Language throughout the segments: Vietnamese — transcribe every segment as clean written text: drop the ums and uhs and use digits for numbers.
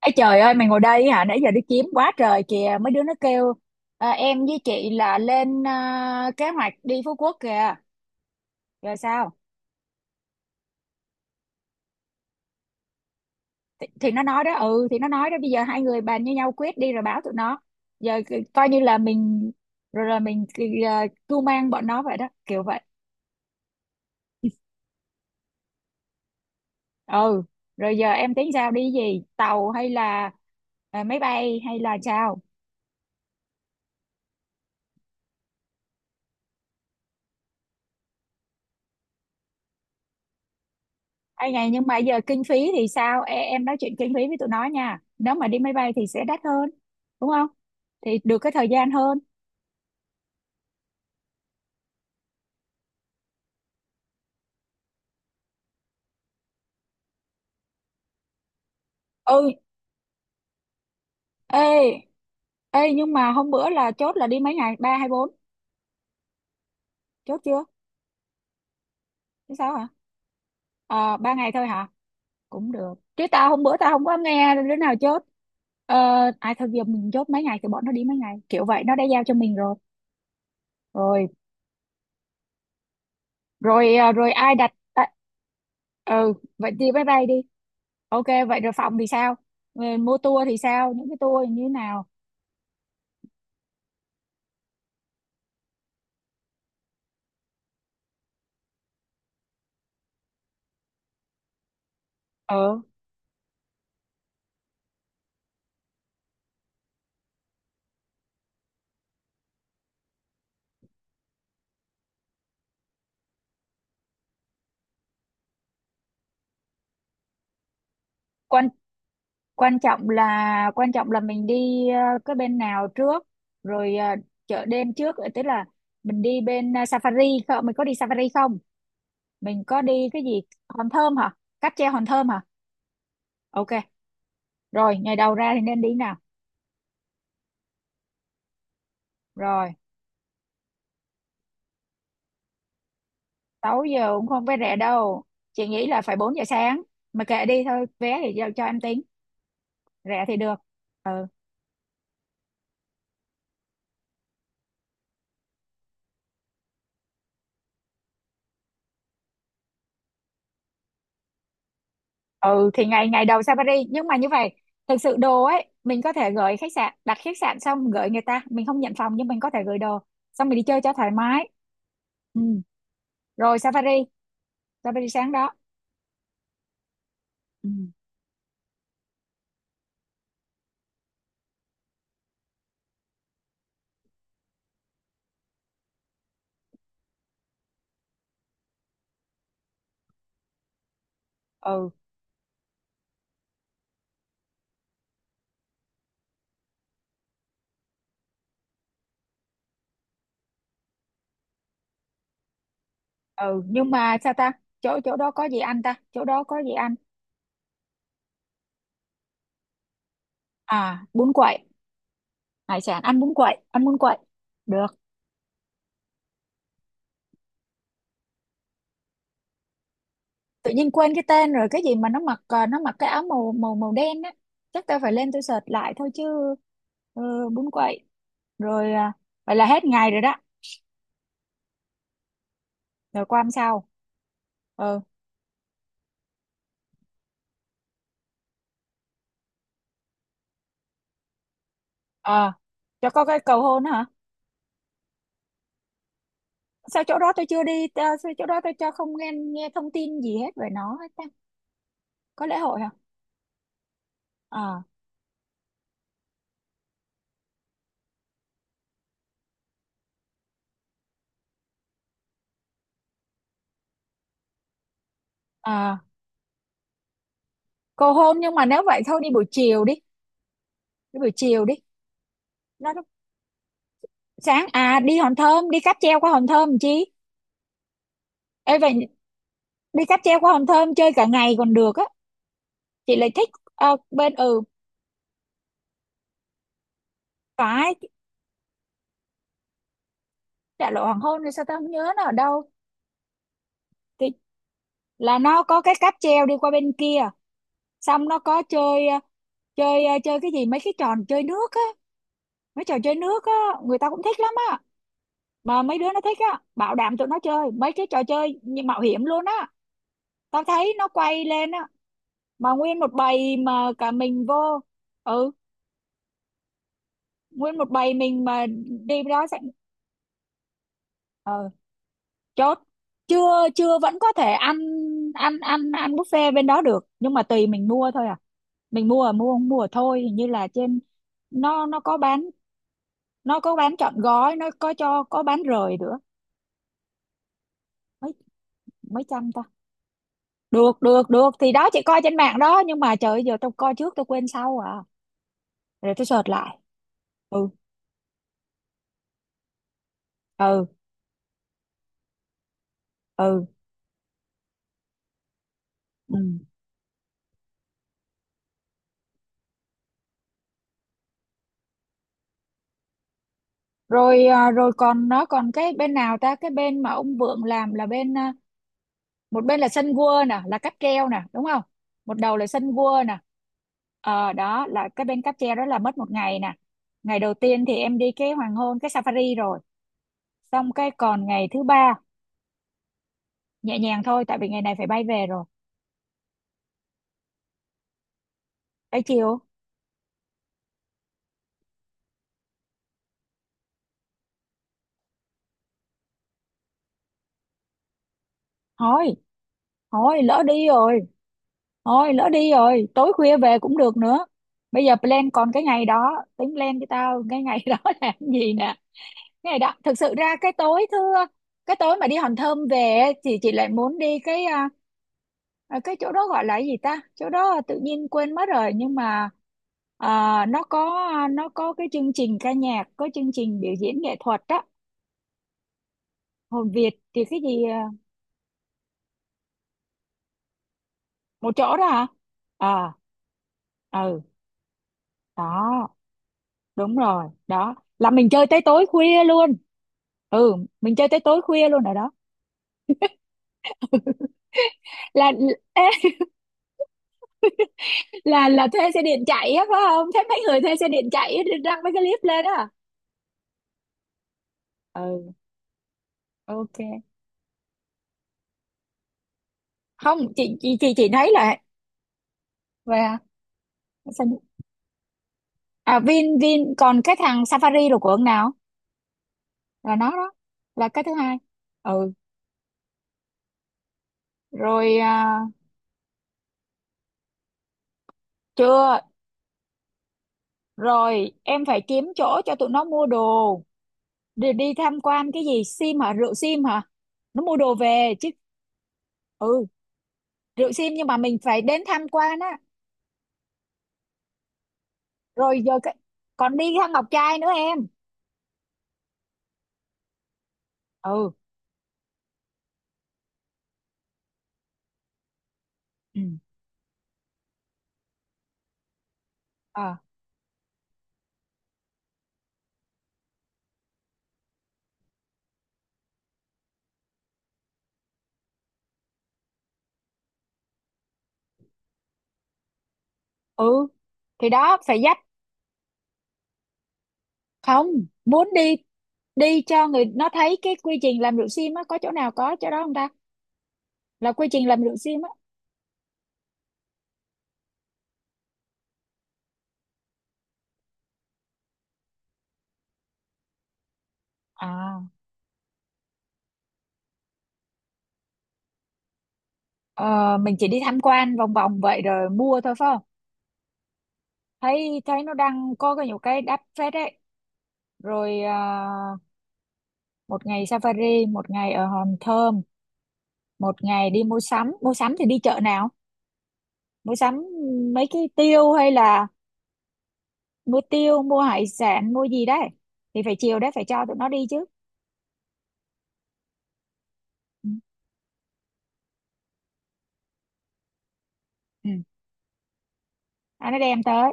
Ê trời ơi, mày ngồi đây hả? Nãy giờ đi kiếm quá trời kìa, mấy đứa nó kêu em với chị là lên kế hoạch đi Phú Quốc kìa. Rồi sao? Thì nó nói đó. Ừ thì nó nói đó, bây giờ hai người bàn với nhau quyết đi rồi báo tụi nó. Giờ coi như là mình, rồi là mình cưu mang bọn nó vậy đó, kiểu vậy. Ừ. Rồi giờ em tính sao, đi gì, tàu hay là máy bay hay là sao? Ê này, nhưng mà giờ kinh phí thì sao? Ê, em nói chuyện kinh phí với tụi nó nha. Nếu mà đi máy bay thì sẽ đắt hơn, đúng không? Thì được cái thời gian hơn. Ừ, ê, ê nhưng mà hôm bữa là chốt là đi mấy ngày? Ba hay bốn? Chốt chưa? Chứ sao hả? Ờ, ba ngày thôi hả? Cũng được. Chứ tao hôm bữa tao không có nghe đứa nào chốt. Ờ, ai thôi giờ mình chốt mấy ngày thì bọn nó đi mấy ngày. Kiểu vậy, nó đã giao cho mình rồi. Rồi, rồi rồi ai đặt ừ, vậy thì bye bye đi. Ok, vậy rồi phòng thì sao? Ờ, mua tour thì sao, những cái tour như thế nào? Ờ, quan quan trọng là mình đi cái bên nào trước, rồi chợ đêm trước tức là mình đi bên safari không, mình có đi safari không, mình có đi cái gì, hòn thơm hả? Cáp treo hòn thơm hả? Ok. Rồi ngày đầu ra thì nên đi nào? Rồi, 6 giờ cũng không phải rẻ đâu, chị nghĩ là phải 4 giờ sáng. Mà kệ đi, thôi vé thì giao cho em tính, rẻ thì được. Ừ. Ừ thì ngày ngày đầu sang Paris nhưng mà như vậy. Thực sự đồ ấy mình có thể gửi khách sạn, đặt khách sạn xong gửi người ta, mình không nhận phòng nhưng mình có thể gửi đồ, xong mình đi chơi cho thoải mái. Ừ. Rồi safari, safari sáng đó. Ừ. Ừ. Ừ nhưng mà sao ta, chỗ chỗ đó có gì ăn ta, chỗ đó có gì ăn? À bún quậy, hải sản ăn bún quậy, ăn bún quậy được. Tự nhiên quên cái tên rồi, cái gì mà nó mặc nó mặc cái áo màu màu màu đen á. Chắc tao phải lên, tôi search lại thôi chứ. Ừ, bún quậy. Rồi vậy là hết ngày rồi đó. Rồi qua hôm sau. Ừ. À, cho có cái cầu hôn hả? Sao chỗ đó tôi chưa đi ta, sao chỗ đó tôi cho không nghe, nghe thông tin gì hết về nó hết ta. Có lễ hội hả? À. À, cầu hôn nhưng mà nếu vậy thôi đi buổi chiều đi, đi buổi chiều đi. Nó sáng à, đi Hòn Thơm, đi cáp treo qua Hòn Thơm làm chi. Ê vậy, đi cáp treo qua Hòn Thơm chơi cả ngày còn được á, chị lại thích. Ờ, bên ừ. Phải. Đại lộ hoàng hôn thì sao, tao không nhớ nó ở đâu. Thì là nó có cái cáp treo đi qua bên kia, xong nó có chơi chơi chơi cái gì, mấy cái tròn, chơi nước á, mấy trò chơi nước á. Người ta cũng thích lắm á. Mà mấy đứa nó thích á, bảo đảm tụi nó chơi mấy cái trò chơi như mạo hiểm luôn á, tao thấy nó quay lên á. Mà nguyên một bầy mà cả mình vô. Ừ, nguyên một bầy mình mà. Đi đó sẽ. Ừ, chốt. Chưa chưa, vẫn có thể ăn, ăn ăn buffet bên đó được, nhưng mà tùy mình mua thôi à. Mình mua, mua không mua thôi, hình như là trên, nó có bán. Nó có bán trọn gói, nó có cho có bán rời nữa. Mấy mấy trăm ta? Được được được, thì đó chị coi trên mạng đó, nhưng mà trời ơi, giờ tôi coi trước tôi quên sau à, rồi tôi search lại. Ừ. Ừ. Ừ. Ừ. Rồi rồi còn nó còn cái bên nào ta, cái bên mà ông Vượng làm là bên một bên là sân gua nè, là cáp treo nè, đúng không? Một đầu là sân gua nè. Ờ, đó là cái bên cáp treo, đó là mất một ngày nè. Ngày đầu tiên thì em đi cái hoàng hôn, cái safari rồi, xong cái còn ngày thứ ba nhẹ nhàng thôi tại vì ngày này phải bay về rồi. Tới chiều. Thôi, thôi lỡ đi rồi, thôi lỡ đi rồi tối khuya về cũng được nữa. Bây giờ plan, còn cái ngày đó tính plan cho tao cái ngày đó là cái gì nè. Này đó thực sự ra cái tối thưa, cái tối mà đi Hòn Thơm về ấy, thì chị lại muốn đi cái cái chỗ đó gọi là cái gì ta, chỗ đó tự nhiên quên mất rồi nhưng mà nó có, nó có cái chương trình ca nhạc, có chương trình biểu diễn nghệ thuật á. Hồn Việt thì cái gì một chỗ đó hả? À. Ừ. Đó. Đúng rồi, đó là mình chơi tới tối khuya luôn. Ừ, mình chơi tới tối khuya luôn ở đó. Là là thuê xe điện chạy á phải không, thế mấy người thuê xe điện chạy á, đăng mấy cái clip lên á. Ừ. Ok. Không, chị thấy là. Về sao nhỉ? À, Vin, Vin còn cái thằng Safari rồi, của ông nào, là nó đó, là cái thứ hai. Ừ. Rồi chưa, rồi em phải kiếm chỗ cho tụi nó mua đồ, đi, đi tham quan cái gì sim hả, rượu sim hả, nó mua đồ về chứ. Ừ. Rượu sim nhưng mà mình phải đến tham quan á. Rồi giờ cái... còn đi ra Ngọc Trai nữa em. Ừ. Ừ. À, ừ. Thì đó phải dắt, không muốn đi, đi cho người nó thấy cái quy trình làm rượu sim á, có chỗ nào có chỗ đó không ta, là quy trình làm rượu sim á. À. Ờ, mình chỉ đi tham quan vòng vòng vậy rồi mua thôi phải không? Thấy, thấy nó đang có cái nhiều cái đắt phết đấy. Rồi một ngày safari, một ngày ở Hòn Thơm, một ngày đi mua sắm, mua sắm thì đi chợ nào? Mua sắm mấy cái tiêu hay là mua tiêu, mua hải sản, mua gì đấy thì phải chiều đấy phải cho tụi nó đi chứ. Ừ. Ừ. À, nó đem tới.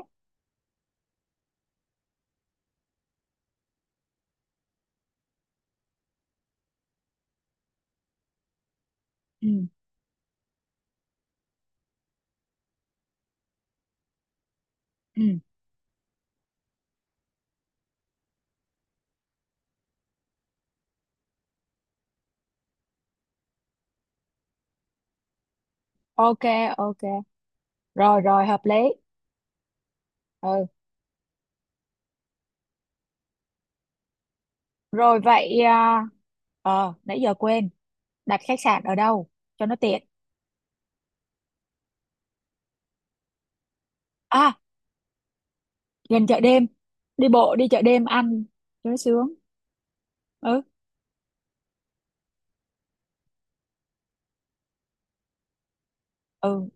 Ừ. Ừ. Ok. Ok. Rồi, rồi hợp lý. Ừ. Rồi vậy ờ nãy giờ quên, đặt khách sạn ở đâu cho nó tiện? À, gần chợ đêm, đi bộ đi chợ đêm ăn cho nó sướng. Ừ. Ừ.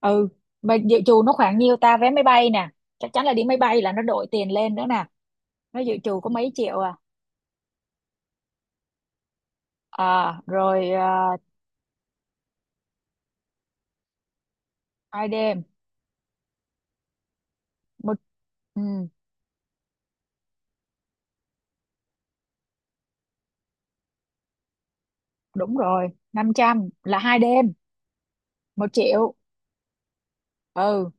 Ừ. Mà dự trù nó khoảng nhiêu ta, vé máy bay nè, chắc chắn là đi máy bay là nó đội tiền lên nữa nè, nó dự trù có mấy triệu à? À rồi ID một. Ừ, đúng rồi, 500 là hai đêm. 1.000.000. Ừ,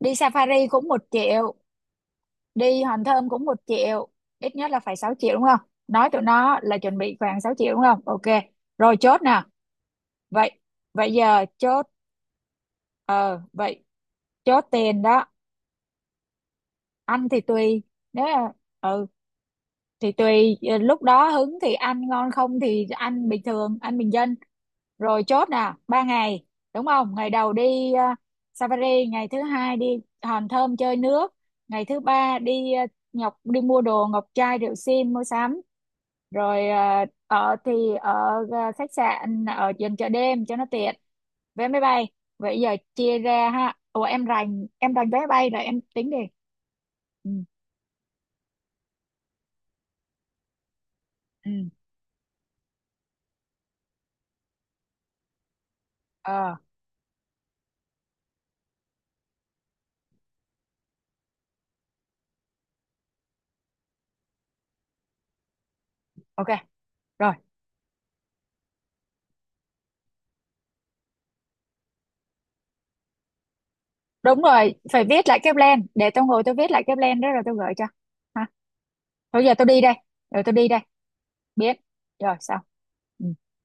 đi safari cũng 1.000.000, đi hòn thơm cũng 1.000.000, ít nhất là phải 6.000.000 đúng không. Nói tụi nó là chuẩn bị khoảng 6.000.000 đúng không, ok. Rồi chốt nè. Vậy, vậy giờ chốt. Ờ vậy, chốt tiền đó. Ăn thì tùy, nếu là, ừ, thì tùy lúc đó hứng thì ăn ngon, không thì ăn bình thường, ăn bình dân. Rồi chốt nè, ba ngày đúng không, ngày đầu đi safari, ngày thứ hai đi Hòn Thơm chơi nước, ngày thứ ba đi Ngọc, đi mua đồ, ngọc trai, rượu sim, mua sắm. Rồi ở thì ở khách sạn ở gần chợ đêm cho nó tiện, vé máy bay. Vậy giờ chia ra ha, ủa em rành, em rành vé máy bay rồi em tính đi. Ừ. Ừ. Ờ. Ok. Rồi. Đúng rồi, phải viết lại cái plan, để tôi ngồi tôi viết lại cái plan đó rồi tôi gửi cho. Ha. Thôi giờ tôi đi đây, rồi tôi đi đây. Biết. Rồi sao. Ừ.